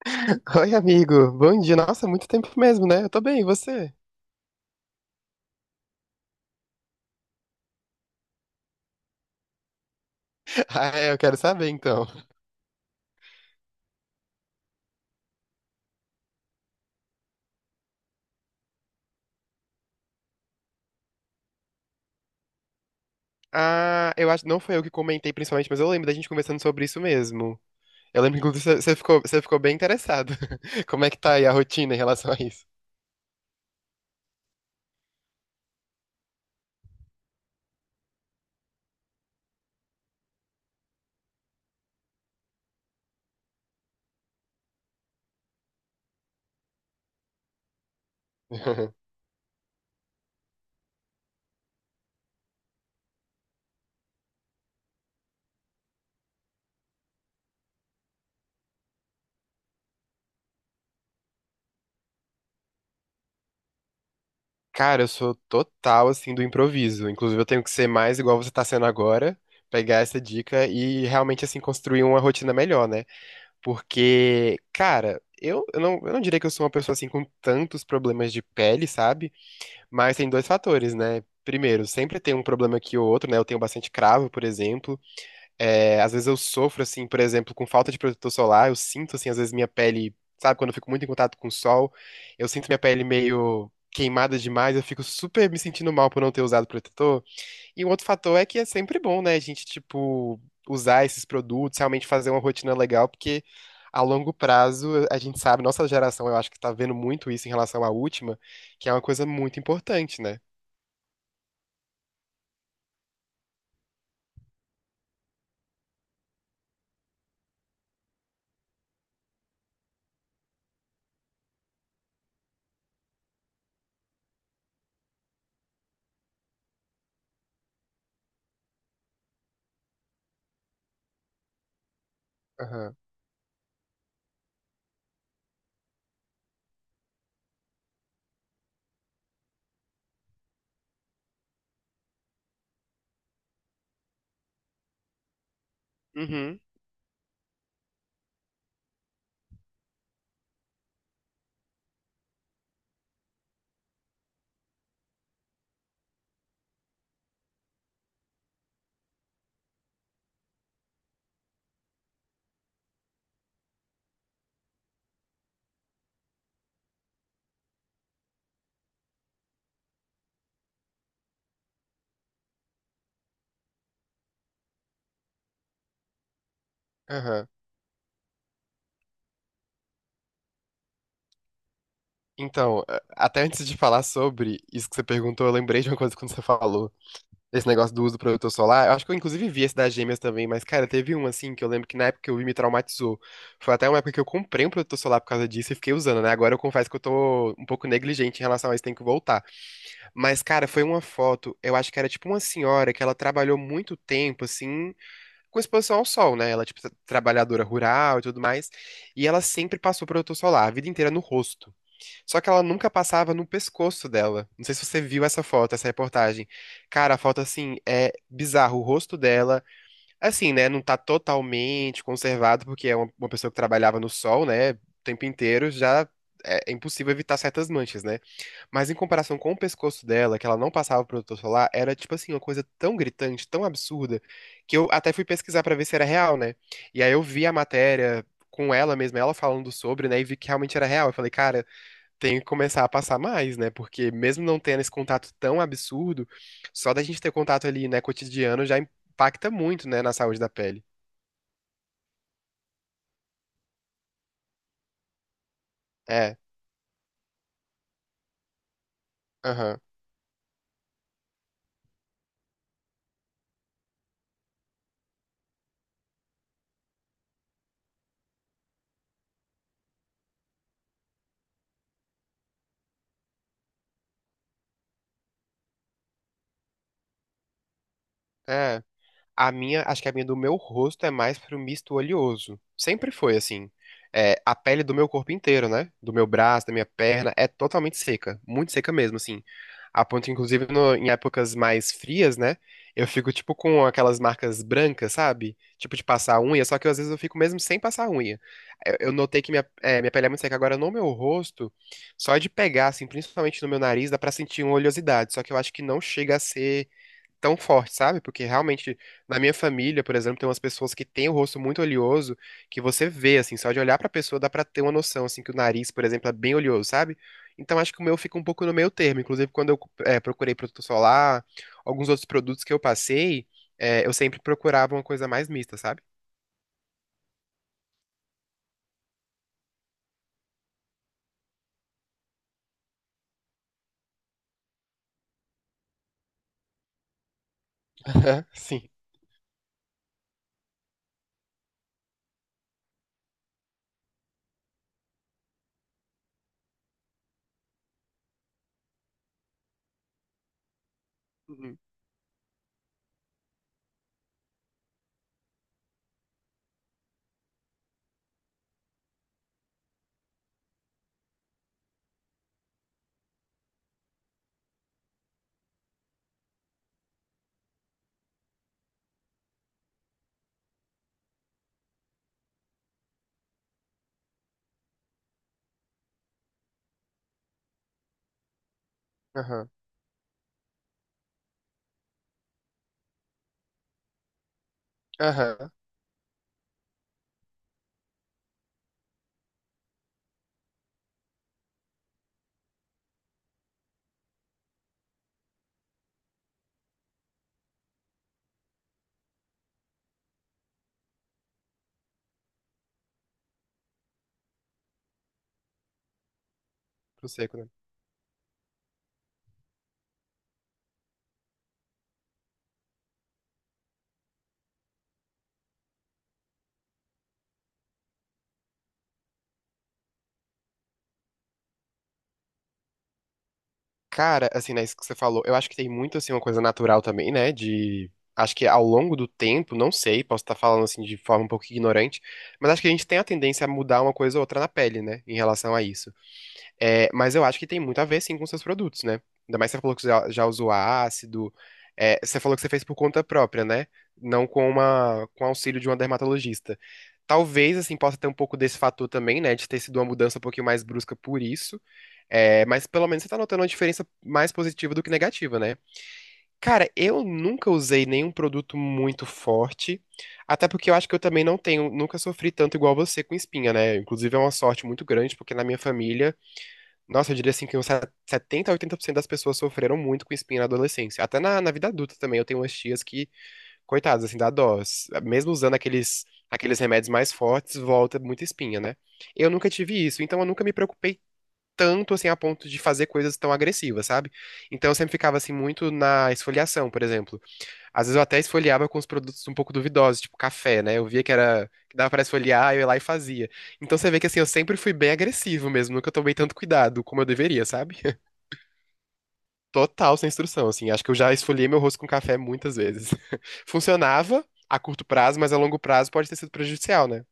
Oi, amigo. Bom dia. Nossa, muito tempo mesmo, né? Eu tô bem, e você? Ah, é, eu quero saber então. Ah, eu acho, não foi eu que comentei principalmente, mas eu lembro da gente conversando sobre isso mesmo. Eu lembro que inclusive você ficou bem interessado. Como é que tá aí a rotina em relação a isso? Cara, eu sou total assim do improviso. Inclusive, eu tenho que ser mais igual você tá sendo agora, pegar essa dica e realmente assim construir uma rotina melhor, né? Porque, cara, eu não diria que eu sou uma pessoa assim com tantos problemas de pele, sabe? Mas tem dois fatores, né? Primeiro, sempre tem um problema aqui ou outro, né? Eu tenho bastante cravo, por exemplo. É, às vezes eu sofro, assim, por exemplo, com falta de protetor solar. Eu sinto, assim, às vezes minha pele, sabe, quando eu fico muito em contato com o sol, eu sinto minha pele meio queimada demais. Eu fico super me sentindo mal por não ter usado protetor. E um outro fator é que é sempre bom, né? A gente, tipo, usar esses produtos, realmente fazer uma rotina legal, porque a longo prazo, a gente sabe, nossa geração, eu acho que tá vendo muito isso em relação à última, que é uma coisa muito importante, né? Aham. Uhum. Aham. Então, até antes de falar sobre isso que você perguntou, eu lembrei de uma coisa quando você falou. Esse negócio do uso do protetor solar. Eu acho que eu inclusive vi esse das gêmeas também, mas, cara, teve um assim que eu lembro que na época que eu vi me traumatizou. Foi até uma época que eu comprei um protetor solar por causa disso e fiquei usando, né? Agora eu confesso que eu tô um pouco negligente em relação a isso, tem que voltar. Mas, cara, foi uma foto, eu acho que era tipo uma senhora que ela trabalhou muito tempo, assim. Com exposição ao sol, né? Ela é, tipo, trabalhadora rural e tudo mais. E ela sempre passou protetor solar, a vida inteira no rosto. Só que ela nunca passava no pescoço dela. Não sei se você viu essa foto, essa reportagem. Cara, a foto, assim, é bizarro. O rosto dela assim, né? Não tá totalmente conservado, porque é uma pessoa que trabalhava no sol, né? O tempo inteiro já é, é impossível evitar certas manchas, né? Mas em comparação com o pescoço dela, que ela não passava protetor solar, era tipo assim, uma coisa tão gritante, tão absurda, que eu até fui pesquisar pra ver se era real, né? E aí eu vi a matéria com ela mesma, ela falando sobre, né? E vi que realmente era real. Eu falei, cara, tem que começar a passar mais, né? Porque mesmo não tendo esse contato tão absurdo, só da gente ter contato ali, né, cotidiano já impacta muito, né, na saúde da pele. É, aham, é. A minha, acho que a minha do meu rosto é mais pro misto oleoso. Sempre foi assim. É, a pele do meu corpo inteiro, né? Do meu braço, da minha perna, é totalmente seca. Muito seca mesmo, assim. A ponto, inclusive, em épocas mais frias, né? Eu fico, tipo, com aquelas marcas brancas, sabe? Tipo, de passar unha, só que às vezes eu fico mesmo sem passar unha. Eu notei que minha, é, minha pele é muito seca. Agora, no meu rosto, só de pegar, assim, principalmente no meu nariz, dá pra sentir uma oleosidade. Só que eu acho que não chega a ser tão forte, sabe? Porque realmente, na minha família, por exemplo, tem umas pessoas que têm o rosto muito oleoso, que você vê, assim, só de olhar pra pessoa dá pra ter uma noção, assim, que o nariz, por exemplo, é bem oleoso, sabe? Então acho que o meu fica um pouco no meio termo. Inclusive, quando eu procurei protetor solar, alguns outros produtos que eu passei, eu sempre procurava uma coisa mais mista, sabe? Aham, sim. Uhum. Aham. Aham. Pro seco, né? Cara, assim, né, isso que você falou, eu acho que tem muito, assim, uma coisa natural também, né, de... Acho que ao longo do tempo, não sei, posso estar falando, assim, de forma um pouco ignorante, mas acho que a gente tem a tendência a mudar uma coisa ou outra na pele, né, em relação a isso. É, mas eu acho que tem muito a ver, sim, com seus produtos, né? Ainda mais que você falou que já usou ácido, é, você falou que você fez por conta própria, né? Não com com auxílio de uma dermatologista. Talvez, assim, possa ter um pouco desse fator também, né, de ter sido uma mudança um pouquinho mais brusca por isso, é, mas pelo menos você tá notando uma diferença mais positiva do que negativa, né? Cara, eu nunca usei nenhum produto muito forte, até porque eu acho que eu também não tenho, nunca sofri tanto igual você com espinha, né? Inclusive é uma sorte muito grande, porque na minha família, nossa, eu diria assim que uns 70 a oitenta por cento das pessoas sofreram muito com espinha na adolescência. Até na vida adulta também, eu tenho umas tias que, coitadas, assim, dá dó. Mesmo usando aqueles remédios mais fortes, volta muita espinha, né? Eu nunca tive isso, então eu nunca me preocupei tanto assim a ponto de fazer coisas tão agressivas, sabe? Então eu sempre ficava assim muito na esfoliação, por exemplo. Às vezes eu até esfoliava com os produtos um pouco duvidosos, tipo café, né? Eu via que era que dava pra esfoliar, eu ia lá e fazia. Então você vê que assim eu sempre fui bem agressivo mesmo, nunca tomei tanto cuidado como eu deveria, sabe? Total sem instrução, assim. Acho que eu já esfoliei meu rosto com café muitas vezes. Funcionava a curto prazo, mas a longo prazo pode ter sido prejudicial, né?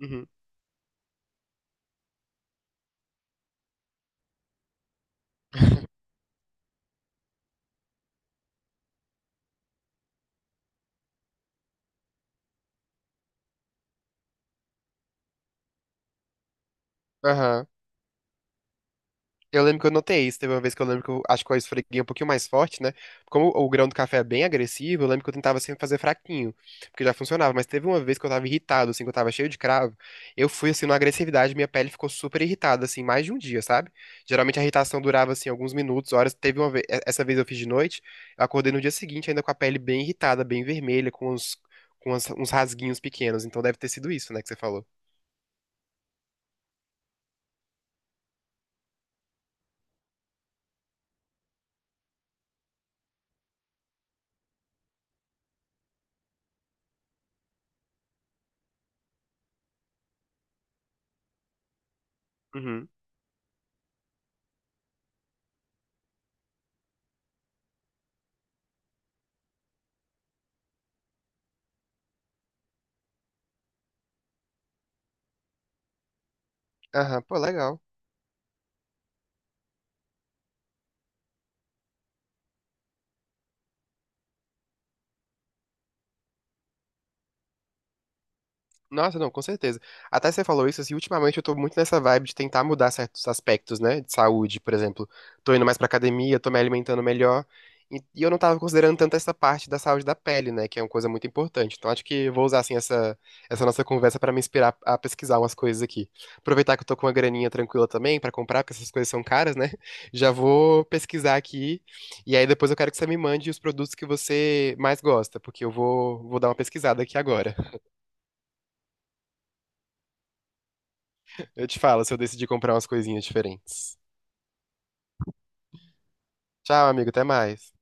Uhum. Aham. Eu lembro que eu notei isso. Teve uma vez que eu lembro que eu acho que eu esfreguei um pouquinho mais forte, né? Como o grão do café é bem agressivo, eu lembro que eu tentava sempre fazer fraquinho, porque já funcionava. Mas teve uma vez que eu tava irritado, assim, que eu tava cheio de cravo. Eu fui, assim, numa agressividade, minha pele ficou super irritada, assim, mais de um dia, sabe? Geralmente a irritação durava, assim, alguns minutos, horas. Teve uma vez, essa vez eu fiz de noite, eu acordei no dia seguinte ainda com a pele bem irritada, bem vermelha, com uns, com uns rasguinhos pequenos. Então deve ter sido isso, né, que você falou. Uhum. Aham, pô, legal. Nossa, não, com certeza. Até você falou isso, assim, ultimamente eu tô muito nessa vibe de tentar mudar certos aspectos, né, de saúde, por exemplo. Tô indo mais pra academia, tô me alimentando melhor, e eu não tava considerando tanto essa parte da saúde da pele, né, que é uma coisa muito importante. Então acho que eu vou usar, assim, essa nossa conversa pra me inspirar a pesquisar umas coisas aqui. Aproveitar que eu tô com uma graninha tranquila também pra comprar, porque essas coisas são caras, né, já vou pesquisar aqui, e aí depois eu quero que você me mande os produtos que você mais gosta, porque vou dar uma pesquisada aqui agora. Eu te falo se eu decidir comprar umas coisinhas diferentes. Tchau, amigo, até mais.